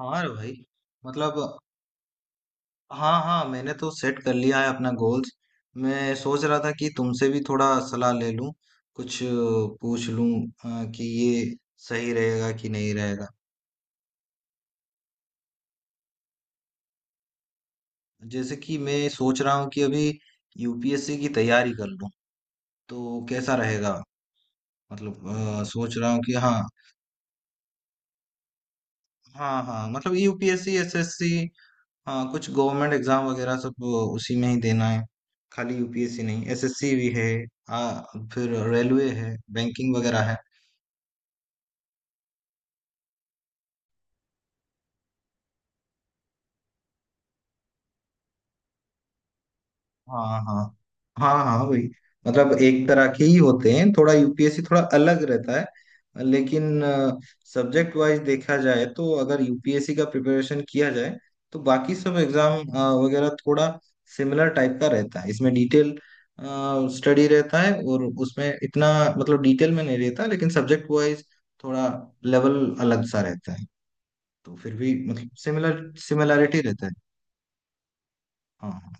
हाँ रे भाई। मतलब, हाँ हाँ, मैंने तो सेट कर लिया है अपना गोल्स। मैं सोच रहा था कि तुमसे भी थोड़ा सलाह ले लूं, कुछ पूछ लूं कि ये सही रहेगा कि नहीं रहेगा। जैसे कि मैं सोच रहा हूँ कि अभी यूपीएससी की तैयारी कर लूं, तो कैसा रहेगा। मतलब सोच रहा हूँ कि हाँ। हाँ हाँ, मतलब यूपीएससी एसएससी। हाँ, कुछ गवर्नमेंट एग्जाम वगैरह सब वो उसी में ही देना है। खाली यूपीएससी नहीं, एसएससी भी है। आ, फिर रेलवे है, बैंकिंग वगैरह है। हाँ हाँ, हाँ हाँ वही। मतलब एक तरह के ही होते हैं, थोड़ा यूपीएससी थोड़ा अलग रहता है, लेकिन सब्जेक्ट वाइज देखा जाए तो अगर यूपीएससी का प्रिपरेशन किया जाए तो बाकी सब एग्जाम वगैरह थोड़ा सिमिलर टाइप का रहता है। इसमें डिटेल स्टडी रहता है और उसमें इतना मतलब डिटेल में नहीं रहता, लेकिन सब्जेक्ट वाइज थोड़ा लेवल अलग सा रहता है। तो फिर भी मतलब सिमिलर सिमिलैरिटी रहता है। हाँ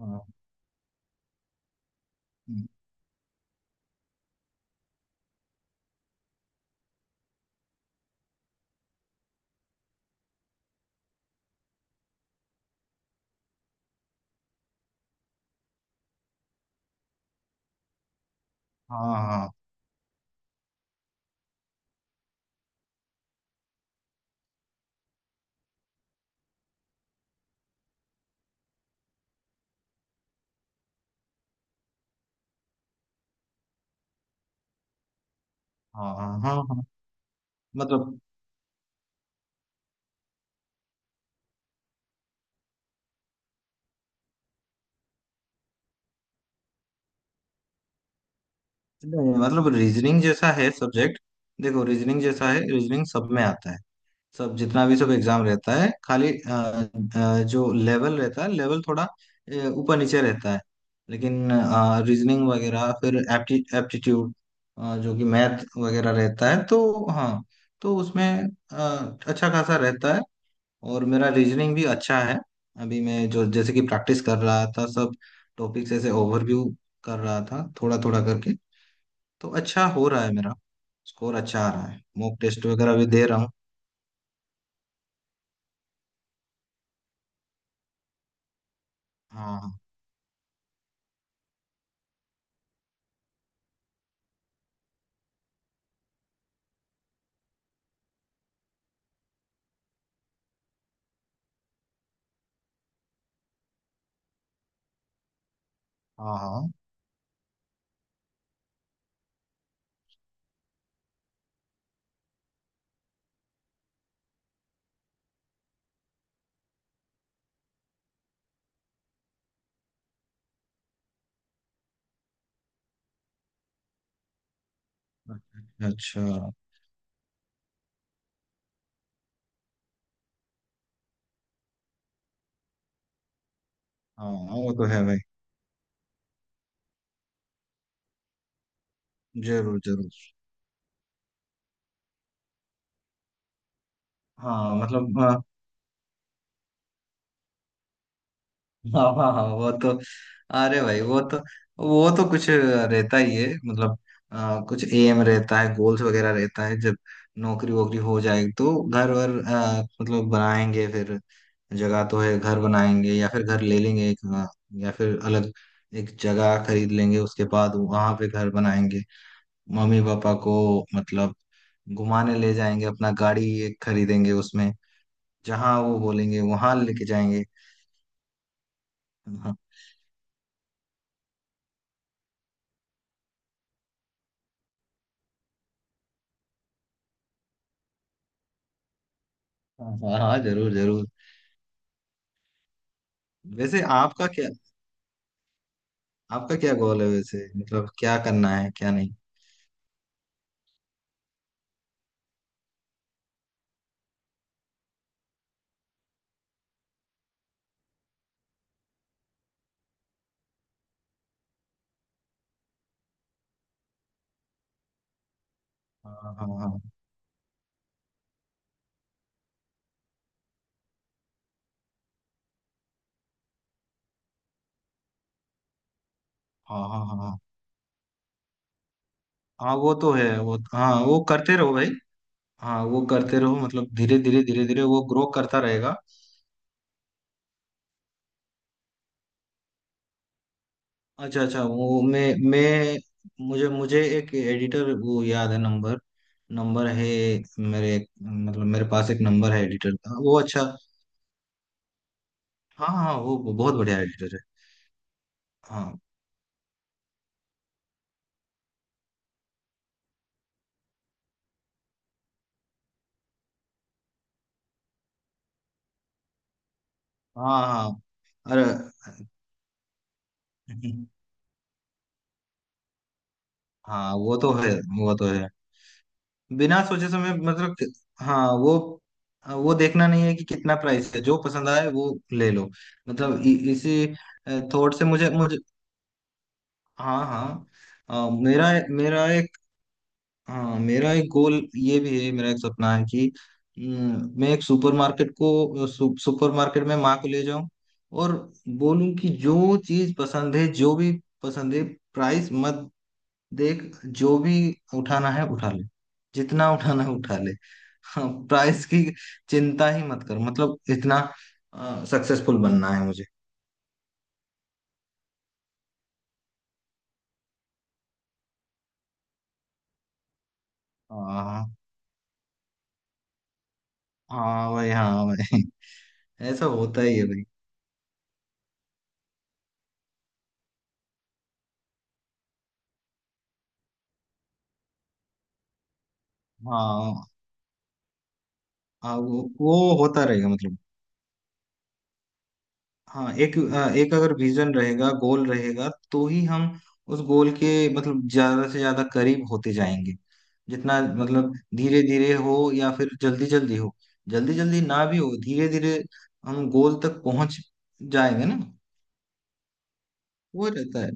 हाँ, हाँ हाँ, हाँ हाँ, हाँ हाँ, हाँ मतलब। नहीं, मतलब रीजनिंग जैसा है सब्जेक्ट। देखो, रीजनिंग जैसा है, रीजनिंग सब में आता है। सब जितना भी सब एग्जाम रहता है, खाली जो लेवल रहता है, लेवल थोड़ा ऊपर नीचे रहता है, लेकिन रीजनिंग वगैरह, फिर एप्टीट्यूड जो कि मैथ वगैरह रहता है, तो हाँ। तो उसमें अच्छा खासा रहता है और मेरा रीजनिंग भी अच्छा है। अभी मैं जो जैसे कि प्रैक्टिस कर रहा था, सब टॉपिक्स ऐसे ओवरव्यू कर रहा था थोड़ा थोड़ा करके, तो अच्छा हो रहा है मेरा, स्कोर अच्छा आ रहा है, मॉक टेस्ट वगैरह भी दे रहा हूँ। हाँ हाँ हाँ। अच्छा अच्छा। हाँ वो तो है भाई। जरूर जरूर। हाँ मतलब, हाँ, हाँ हाँ हाँ, वो तो, अरे भाई, वो तो, वो तो कुछ रहता ही है मतलब। कुछ एम रहता है, गोल्स वगैरह रहता है। जब नौकरी वोकरी हो जाएगी तो घर वर, मतलब बनाएंगे। फिर जगह तो है, घर बनाएंगे या फिर घर ले लेंगे एक, या फिर अलग एक जगह खरीद लेंगे, उसके बाद वहां पे घर बनाएंगे। मम्मी पापा को मतलब घुमाने ले जाएंगे, अपना गाड़ी एक खरीदेंगे उसमें। जहाँ वो बोलेंगे वहां लेके जाएंगे। हाँ हाँ, हाँ, जरूर जरूर। वैसे आपका क्या, आपका क्या गोल है वैसे, मतलब क्या करना है क्या नहीं। हाँ हाँ, हाँ हाँ, हाँ हाँ, हाँ। हाँ, वो तो है वो, हाँ, वो करते रहो भाई। हाँ, वो करते रहो, मतलब धीरे धीरे धीरे धीरे वो ग्रो करता रहेगा। अच्छा अच्छा, वो मैं मुझे मुझे एक एडिटर, वो याद है, नंबर नंबर है मेरे, मतलब मेरे पास एक नंबर है एडिटर का, वो अच्छा। हाँ हाँ, वो बहुत बढ़िया एडिटर है। हाँ हाँ हाँ। अरे। हाँ वो तो है, वो तो है। बिना सोचे समय, मतलब कि- हाँ वो देखना नहीं है कि कितना प्राइस है, जो पसंद आए वो ले लो। मतलब इसी थॉट से मुझे मुझे। हाँ हाँ। मेरा मेरा एक, हाँ मेरा एक गोल ये भी है, मेरा एक सपना है कि मैं एक सुपरमार्केट को, सुपरमार्केट में माँ को ले जाऊं और बोलूं कि जो चीज पसंद है, जो भी पसंद है, प्राइस मत देख, जो भी उठाना है उठा ले, जितना उठाना है उठा ले। हाँ, प्राइस की चिंता ही मत कर, मतलब इतना सक्सेसफुल बनना है मुझे। हाँ, हाँ भाई, हाँ भाई। ऐसा होता ही है भाई। हाँ हाँ, वो होता रहेगा मतलब। हाँ एक, एक अगर विजन रहेगा, गोल रहेगा तो ही हम उस गोल के, मतलब ज्यादा से ज्यादा करीब होते जाएंगे। जितना मतलब धीरे धीरे हो या फिर जल्दी जल्दी हो, जल्दी जल्दी ना भी हो, धीरे धीरे हम गोल तक पहुंच जाएंगे ना। वो रहता है।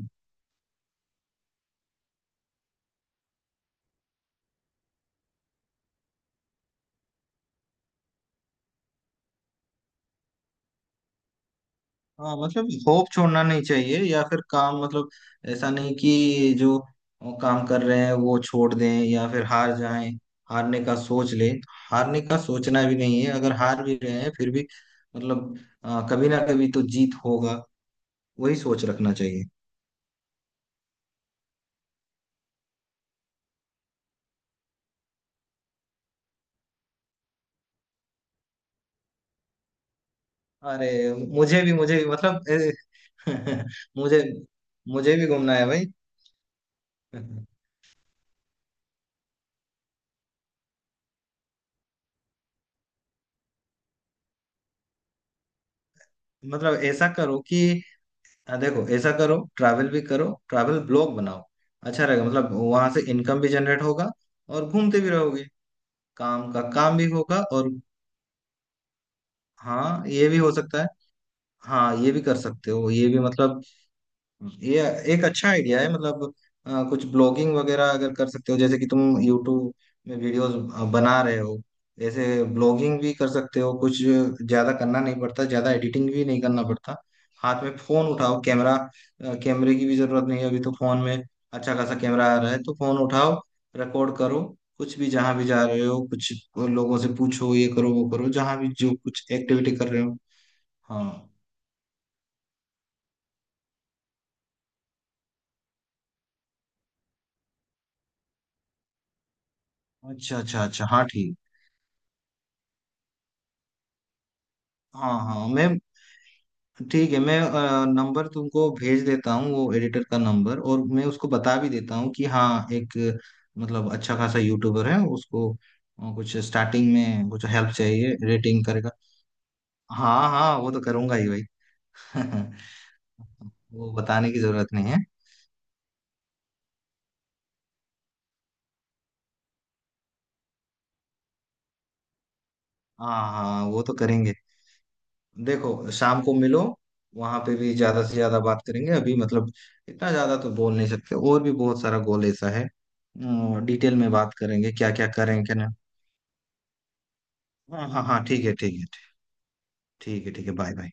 हाँ मतलब होप छोड़ना नहीं चाहिए या फिर काम, मतलब ऐसा नहीं कि जो काम कर रहे हैं वो छोड़ दें या फिर हार जाएं, हारने का सोच ले। हारने का सोचना भी नहीं है, अगर हार भी रहे हैं फिर भी मतलब, कभी ना कभी तो जीत होगा, वही सोच रखना चाहिए। अरे, मुझे भी, मुझे भी मतलब मुझे, मुझे भी घूमना है भाई। मतलब ऐसा करो कि, हाँ देखो ऐसा करो, ट्रैवल भी करो, ट्रैवल ब्लॉग बनाओ, अच्छा रहेगा, मतलब वहां से इनकम भी जनरेट होगा और घूमते भी रहोगे, काम का काम भी होगा और। हाँ ये भी हो सकता है। हाँ ये भी कर सकते हो, ये भी मतलब, ये एक अच्छा आइडिया है। मतलब कुछ ब्लॉगिंग वगैरह अगर कर सकते हो, जैसे कि तुम यूट्यूब में वीडियोस बना रहे हो, ऐसे ब्लॉगिंग भी कर सकते हो। कुछ ज्यादा करना नहीं पड़ता, ज्यादा एडिटिंग भी नहीं करना पड़ता। हाथ में फोन उठाओ, कैमरा, कैमरे की भी जरूरत नहीं है, अभी तो फोन में अच्छा खासा कैमरा आ रहा है, तो फोन उठाओ, रिकॉर्ड करो कुछ भी, जहां भी जा रहे हो कुछ लोगों से पूछो, ये करो वो करो, जहां भी जो कुछ एक्टिविटी कर रहे हो। हाँ। अच्छा अच्छा अच्छा, हाँ ठीक। हाँ हाँ, मैं, ठीक है। मैं नंबर तुमको भेज देता हूँ, वो एडिटर का नंबर, और मैं उसको बता भी देता हूँ कि हाँ एक, मतलब अच्छा खासा यूट्यूबर है, उसको कुछ स्टार्टिंग में कुछ हेल्प चाहिए, रेटिंग करेगा। हाँ हाँ, वो तो करूंगा ही भाई। वो बताने की जरूरत नहीं है। हाँ हाँ, वो तो करेंगे। देखो शाम को मिलो, वहां पे भी ज्यादा से ज्यादा बात करेंगे, अभी मतलब इतना ज्यादा तो बोल नहीं सकते, और भी बहुत सारा गोल ऐसा है, डिटेल में बात करेंगे, क्या क्या करें क्या नहीं। हाँ हाँ हाँ, ठीक है, ठीक है। ठीक है, ठीक है, बाय बाय।